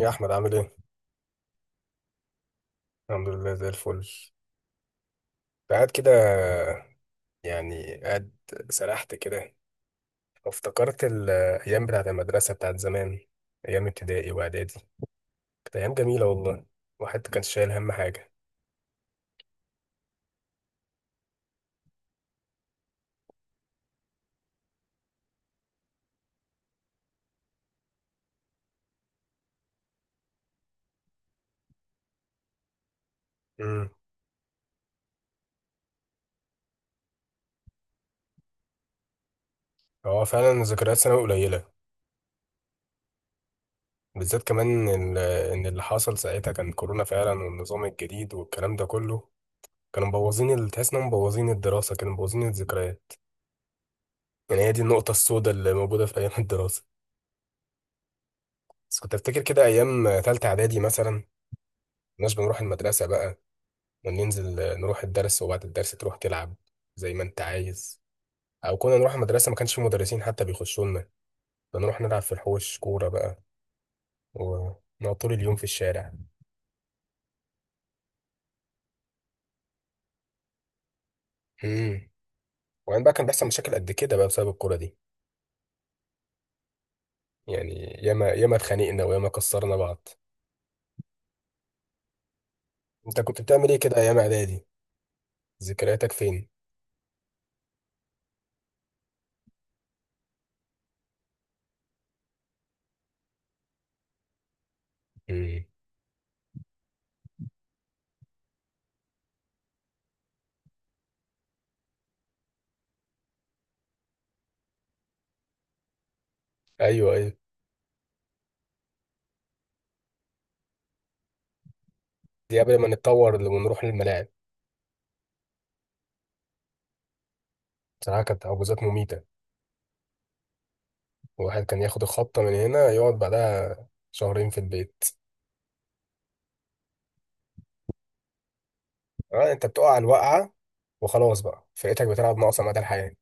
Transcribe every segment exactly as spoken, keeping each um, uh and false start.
يا احمد عامل ايه؟ الحمد لله زي الفل. قاعد كده، يعني قاعد. سرحت كده وافتكرت الايام بتاعت المدرسه بتاعت زمان، ايام ابتدائي واعدادي. كانت ايام جميله والله. الواحد كان شايل هم حاجه. امم. هو فعلا ذكريات ثانوي قليله، بالذات كمان ان إن اللي حصل ساعتها كان كورونا فعلا، والنظام الجديد والكلام ده كله. كانوا مبوظين ال- تحس انهم مبوظين الدراسه، كانوا مبوظين الذكريات. يعني هي دي النقطه السوداء اللي موجوده في ايام الدراسه. بس كنت افتكر كده ايام تالتة اعدادي مثلا، مش بنروح المدرسة بقى وننزل نروح الدرس، وبعد الدرس تروح تلعب زي ما انت عايز. او كنا نروح المدرسة ما كانش في مدرسين حتى بيخشوا لنا، بنروح نلعب في الحوش كورة بقى، ونقعد طول اليوم في الشارع. امم. وبعدين بقى كان بيحصل مشاكل قد كده بقى بسبب الكورة دي، يعني ياما ياما اتخانقنا وياما كسرنا بعض. انت كنت بتعمل ايه كده ايام اعدادي؟ ذكرياتك فين؟ امم. ايوه، ايوه. دي قبل ما نتطور ونروح للملاعب. بصراحة كانت عجوزات مميتة. الواحد كان ياخد الخبطة من هنا، يقعد بعدها شهرين في البيت. آه، انت بتقع على الوقعة وخلاص بقى فرقتك بتلعب ناقصة مدى الحياة.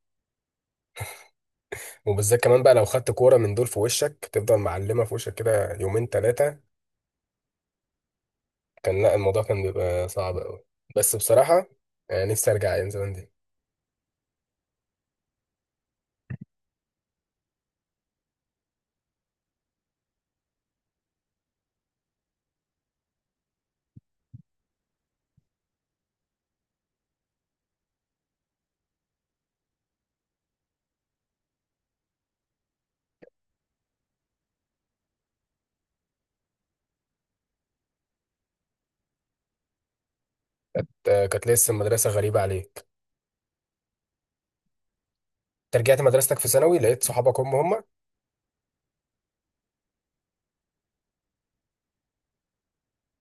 وبالذات كمان بقى لو خدت كورة من دول في وشك تفضل معلمة في وشك كده يومين تلاتة. كان لا، الموضوع كان بيبقى صعب أوي. بس بصراحة، آه، نفسي أرجع أيام زمان دي. آه، كانت لسه المدرسة غريبة عليك. أنت رجعت مدرستك في ثانوي لقيت صحابك هم هم.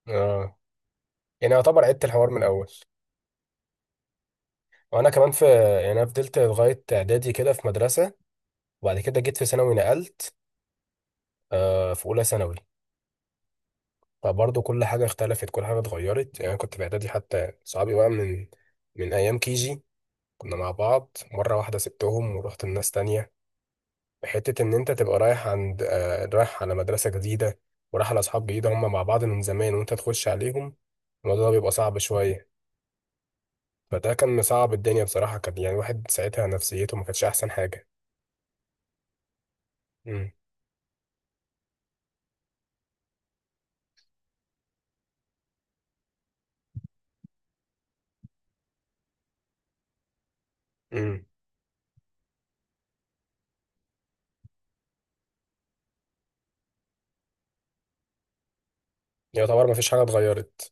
اه. يعني يعتبر عدت الحوار من الأول. وأنا كمان في، يعني أنا فضلت لغاية إعدادي كده في مدرسة، وبعد كده جيت في ثانوي نقلت، آه، في اولى ثانوي. فبرضه كل حاجه اختلفت، كل حاجه اتغيرت. يعني أنا كنت في اعدادي حتى صحابي بقى من من ايام كيجي، كنا مع بعض. مره واحده سبتهم ورحت لناس تانية. حته ان انت تبقى رايح عند آه، رايح على مدرسه جديده، ورايح على اصحاب جديده هم مع بعض من زمان وانت تخش عليهم، الموضوع ده بيبقى صعب شويه. فده كان صعب. الدنيا بصراحه كان يعني الواحد ساعتها نفسيته ما كانتش احسن حاجه. امم. امم. يعتبر ما فيش حاجه اتغيرت.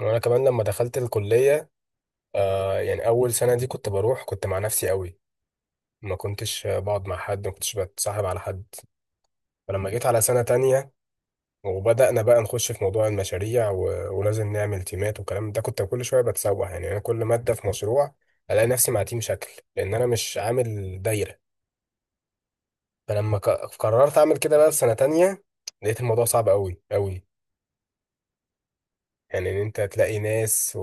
وانا كمان لما دخلت الكليه، آه يعني اول سنه دي كنت بروح كنت مع نفسي قوي. ما كنتش آه، بقعد مع حد، ما كنتش بتصاحب على حد. فلما جيت على سنه تانية وبدأنا بقى نخش في موضوع المشاريع و... ولازم نعمل تيمات والكلام ده، كنت كل شويه بتسوح يعني. انا كل ماده في مشروع الاقي نفسي مع تيم شكل، لان انا مش عامل دايره. فلما ك... قررت اعمل كده بقى في سنه تانية، لقيت الموضوع صعب قوي قوي. يعني ان انت تلاقي ناس،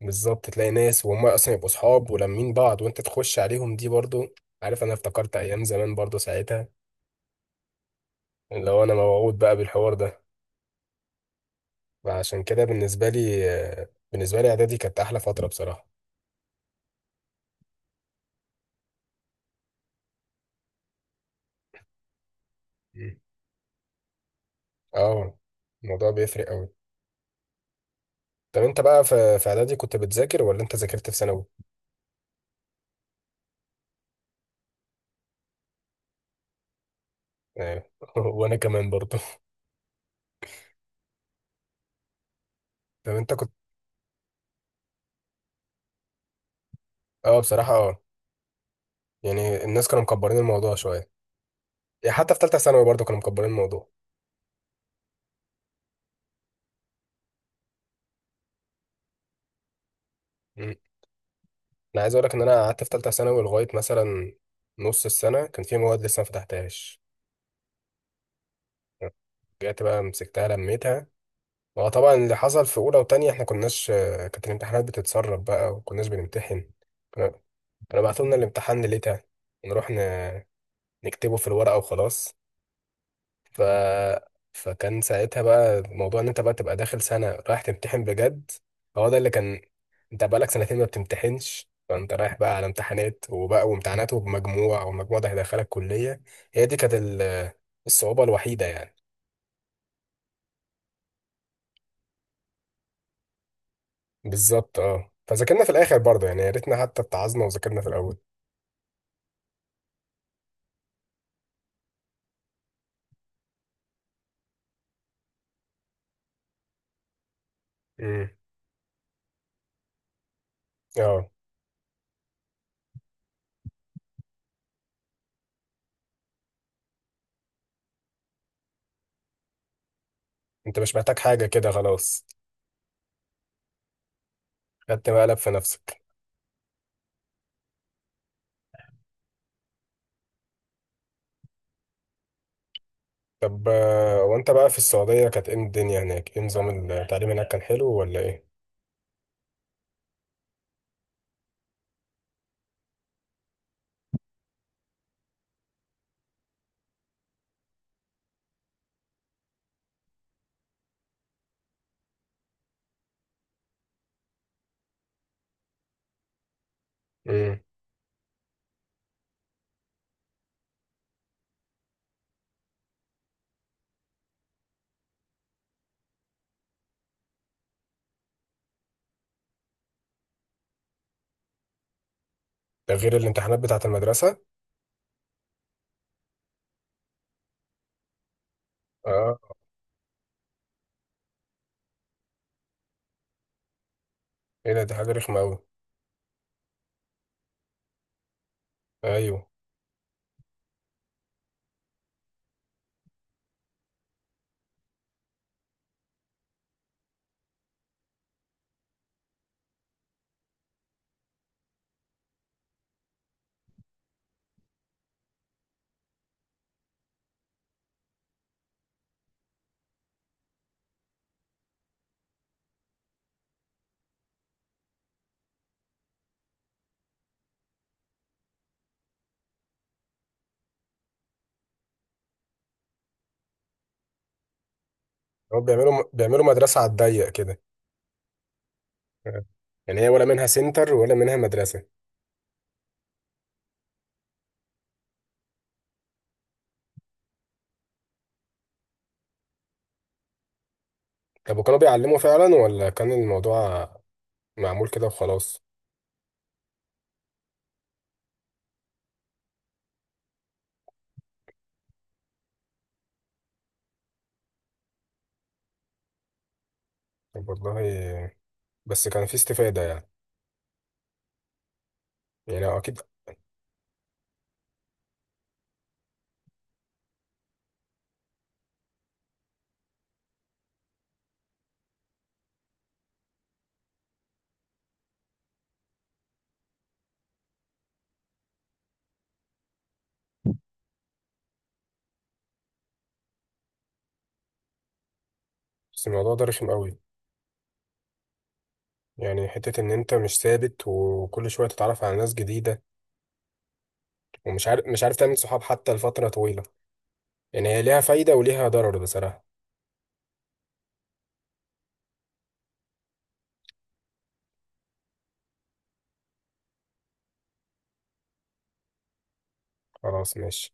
بالظبط، تلاقي ناس وهم اصلا يبقوا صحاب ولمين بعض وانت تخش عليهم، دي برضو عارف، انا افتكرت ايام زمان برضو ساعتها لو انا موعود بقى بالحوار ده. فعشان كده بالنسبه لي، بالنسبه لي اعدادي كانت احلى فتره بصراحه. مم. اه. الموضوع بيفرق قوي. طب انت بقى في في اعدادي كنت بتذاكر ولا انت ذاكرت في ثانوي؟ آه. وانا كمان برضو. طب انت كنت. اه بصراحه اه. يعني الناس كانوا مكبرين الموضوع شويه. يعني حتى في ثالثه ثانوي برضو كانوا مكبرين الموضوع. إمم. انا عايز اقول لك ان انا قعدت في ثالثه ثانوي لغايه مثلا نص السنه كان في مواد لسه ما فتحتهاش. رجعت بقى مسكتها لميتها. هو طبعا اللي حصل في اولى وتانية احنا كناش، آه، كانت الامتحانات بتتسرب بقى وكناش بنمتحن. كنا، كانوا بعتوا لنا الامتحان ليلتها، نروح ن... نكتبه في الورقه وخلاص. ف فكان ساعتها بقى موضوع ان انت بقى تبقى داخل سنه رايح تمتحن بجد. هو ده اللي كان، انت بقالك سنتين ما بتمتحنش، فانت رايح بقى على امتحانات وبقى وامتحانات وبمجموع، والمجموع ده هيدخلك كلية. هي دي كانت ال- الصعوبة الوحيدة يعني. بالظبط اه، فذاكرنا في الاخر برضه يعني. يا ريتنا حتى اتعظنا وذاكرنا في الاول. امم. اه. انت مش محتاج حاجة كده خلاص. خدت مقلب في نفسك. طب آه، وانت بقى في السعودية كانت ايه الدنيا هناك؟ ايه نظام التعليم هناك كان حلو ولا ايه؟ امم. ده غير الامتحانات بتاعة المدرسة. اه. ايه ده، دي حاجة رخمة قوي. ايوه. هو بيعملوا بيعملوا مدرسة على الضيق كده. آه. يعني هي ولا منها سنتر ولا منها مدرسة. طب وكانوا بيعلموا فعلا ولا كان الموضوع معمول كده وخلاص؟ طب والله، بس كان في استفادة يعني. يعني أكيد. بس الموضوع ده رخم قوي، يعني حتة إن أنت مش ثابت وكل شوية تتعرف على ناس جديدة، ومش عارف، مش عارف تعمل صحاب حتى لفترة طويلة. يعني هي ليها فايدة وليها ضرر بصراحة. خلاص ماشي.